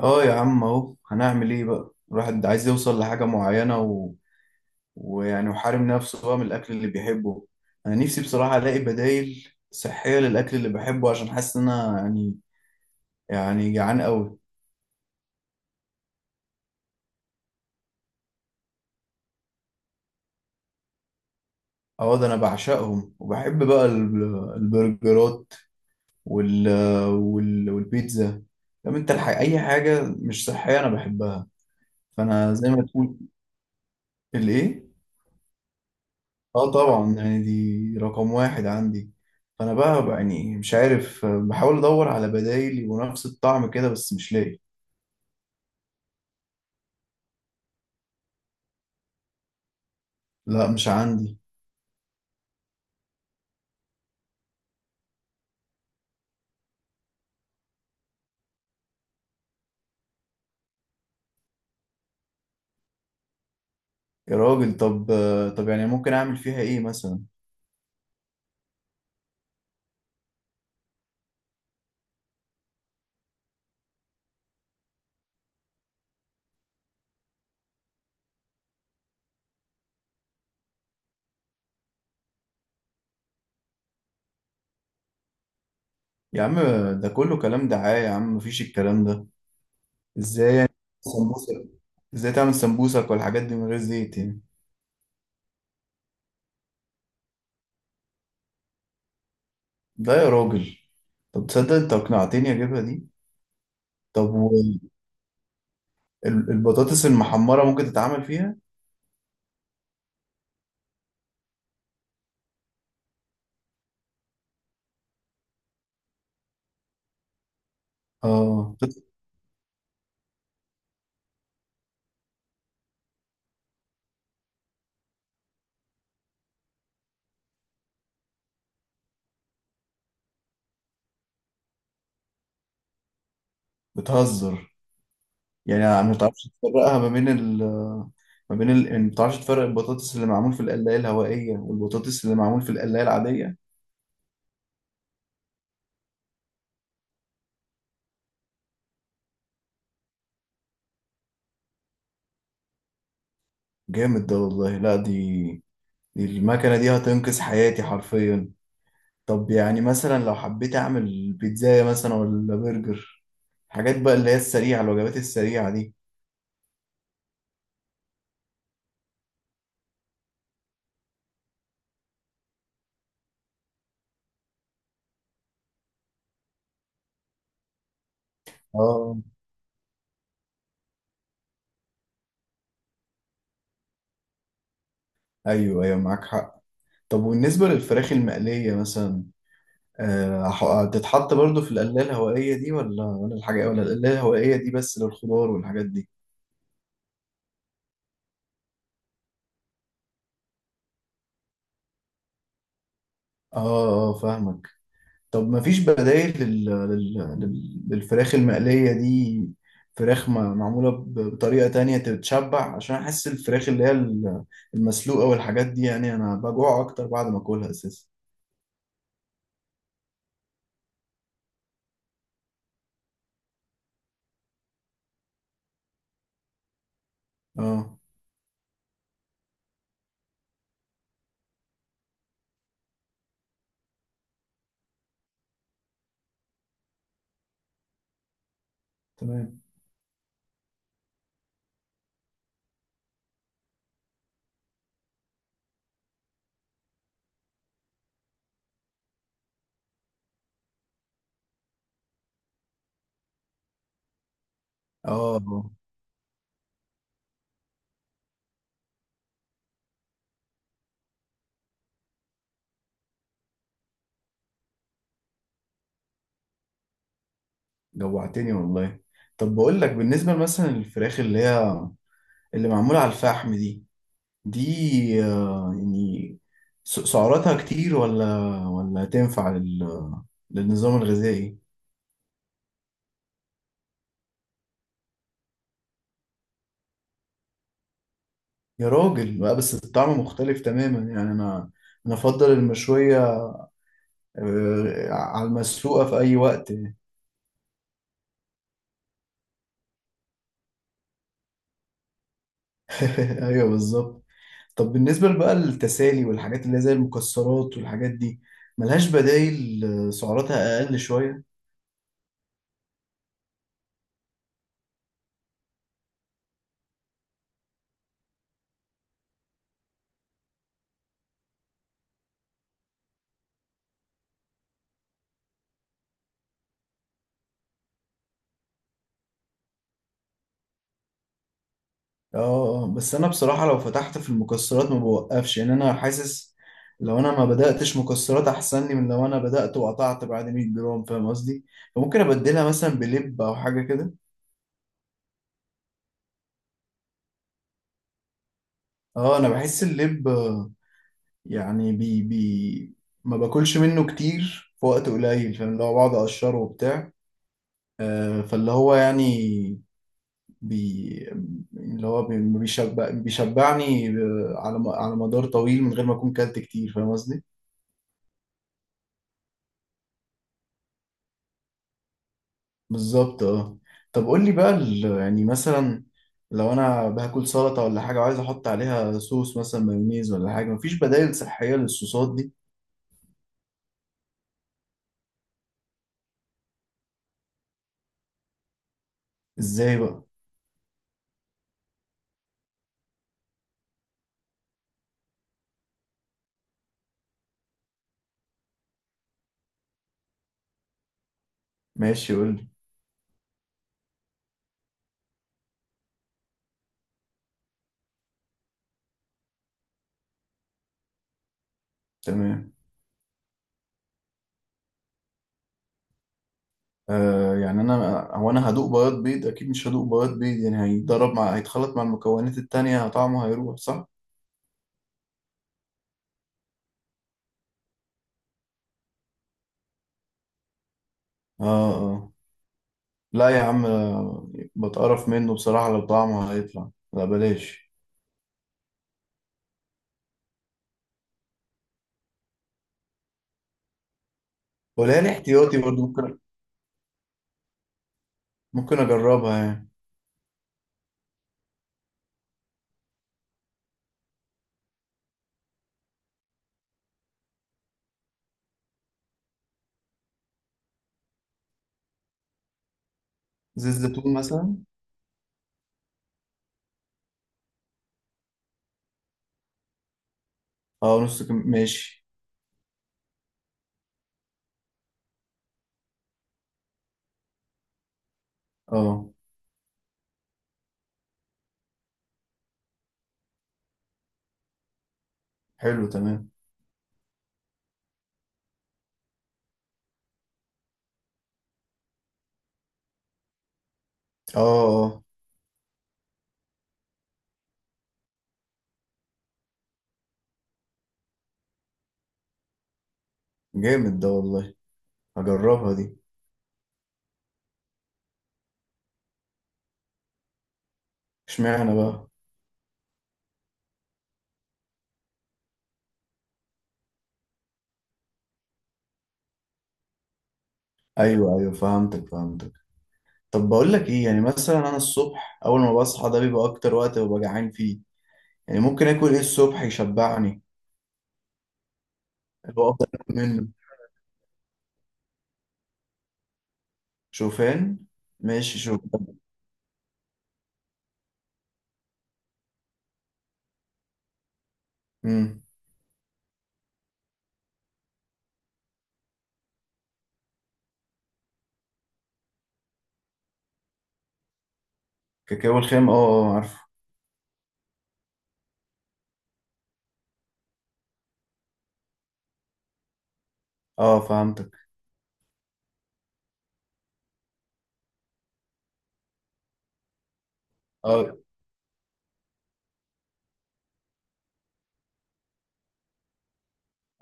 اه يا عم اهو هنعمل ايه بقى. الواحد عايز يوصل لحاجة معينة و... ويعني وحارم نفسه بقى من الأكل اللي بيحبه. أنا نفسي بصراحة ألاقي بدايل صحية للأكل اللي بحبه، عشان حاسس إن أنا يعني جعان أوي. اه ده أنا بعشقهم، وبحب بقى البرجرات وال... وال... والبيتزا طب أنت أي حاجة مش صحية أنا بحبها. فأنا زي ما تقول الإيه؟ اه طبعا، يعني دي رقم واحد عندي. فانا بقى يعني مش عارف، بحاول ادور على بدايل يبقوا نفس الطعم كده بس مش لاقي. لا مش عندي. يا راجل، طب طب يعني ممكن اعمل فيها ايه مثلا؟ يا عم ده كله كلام دعاية يا عم، مفيش الكلام ده. ازاي؟ سمبوسك؟ ازاي تعمل سمبوسك والحاجات دي من غير زيت يعني؟ لا يا راجل. طب تصدق انت اقنعتني اجيبها دي. طب والبطاطس المحمرة ممكن تتعمل فيها؟ اه بتهزر. يعني أنا ما تعرفش تفرقها ما بين يعني ما تعرفش تفرق البطاطس اللي معمول في القلاية الهوائية والبطاطس اللي معمول في القلاية العادية. جامد ده والله. لا دي دي المكنة دي هتنقذ حياتي حرفيا. طب يعني مثلا لو حبيت اعمل بيتزاية مثلا ولا برجر، حاجات بقى اللي هي السريعة، الوجبات السريعة دي. اه ايوه ايوه معاك حق. طب وبالنسبة للفراخ المقلية مثلا، هتتحط برضو في القلاية الهوائية دي ولا الحاجة، ولا القلاية الهوائية دي بس للخضار والحاجات دي؟ اه اه فاهمك. طب ما فيش بدائل للفراخ المقلية دي؟ فراخ ما... معمولة بطريقة تانية تتشبع، عشان أحس الفراخ اللي هي المسلوقة والحاجات دي يعني أنا بجوع أكتر بعد ما أكلها أساسا. اه. تمام. اه. آه،. جوعتني والله. طب بقول لك، بالنسبة مثلا للفراخ اللي هي اللي معمولة على الفحم دي، دي آه يعني سعراتها كتير؟ ولا ولا تنفع للنظام الغذائي؟ يا راجل بقى، بس الطعم مختلف تماما. يعني انا افضل المشوية على المسلوقة في اي وقت. ايوه بالظبط. طب بالنسبة بقى للتسالي والحاجات اللي هي زي المكسرات والحاجات دي، ملهاش بدايل؟ سعراتها أقل شوية؟ اه بس أنا بصراحة لو فتحت في المكسرات ما بوقفش. يعني أنا حاسس لو أنا ما بدأتش مكسرات أحسن لي من لو أنا بدأت وقطعت بعد 100 جرام، فاهم قصدي؟ فممكن أبدلها مثلا بلب أو حاجة كده. اه أنا بحس اللب يعني بي ما باكلش منه كتير في وقت قليل، فاهم؟ اللي هو بقعد اقشره وبتاع، فاللي هو يعني بي اللي هو بي- بيشبع، بيشبعني على مدار طويل من غير ما اكون كلت كتير، فاهم قصدي؟ بالظبط اه. طب قول لي بقى، يعني مثلا لو انا باكل سلطه ولا حاجه وعايز احط عليها صوص مثلا مايونيز ولا حاجه، مفيش بدائل صحيه للصوصات دي؟ ازاي بقى؟ ماشي قول لي. تمام. آه يعني انا، انا هدوق بياض بيض؟ اكيد مش هدوق بياض بيض، يعني هيتضرب مع، هيتخلط مع المكونات التانية، طعمه هيروح صح؟ اه اه. لا يا عم، بتقرف منه بصراحة. لو طعمه هيطلع لا بلاش. ولا انا احتياطي برضو ممكن. ممكن اجربها يعني. زيت زيتون مثلا؟ اه نص كم؟ ماشي. اه حلو تمام. اه اه جامد ده والله، هجربها دي. اشمعنى بقى؟ ايوه ايوه فهمتك فهمتك. طب بقول لك ايه، يعني مثلا انا الصبح اول ما بصحى ده بيبقى اكتر وقت ببقى جعان فيه. يعني ممكن اكل ايه الصبح يشبعني؟ اللي هو افضل آكل منه؟ شوفان؟ ماشي شوفان. امم. كاكاو الخام اه اه عارفه. اه فهمتك. اه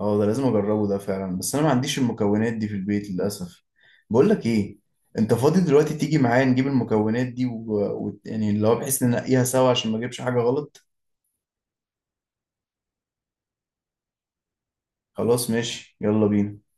اه ده لازم اجربه ده فعلا، بس انا ما عنديش المكونات دي في البيت للاسف. بقول لك ايه، انت فاضي دلوقتي تيجي معايا نجيب المكونات دي يعني اللي هو بحيث ننقيها سوا عشان ما اجيبش حاجه غلط؟ خلاص ماشي يلا بينا.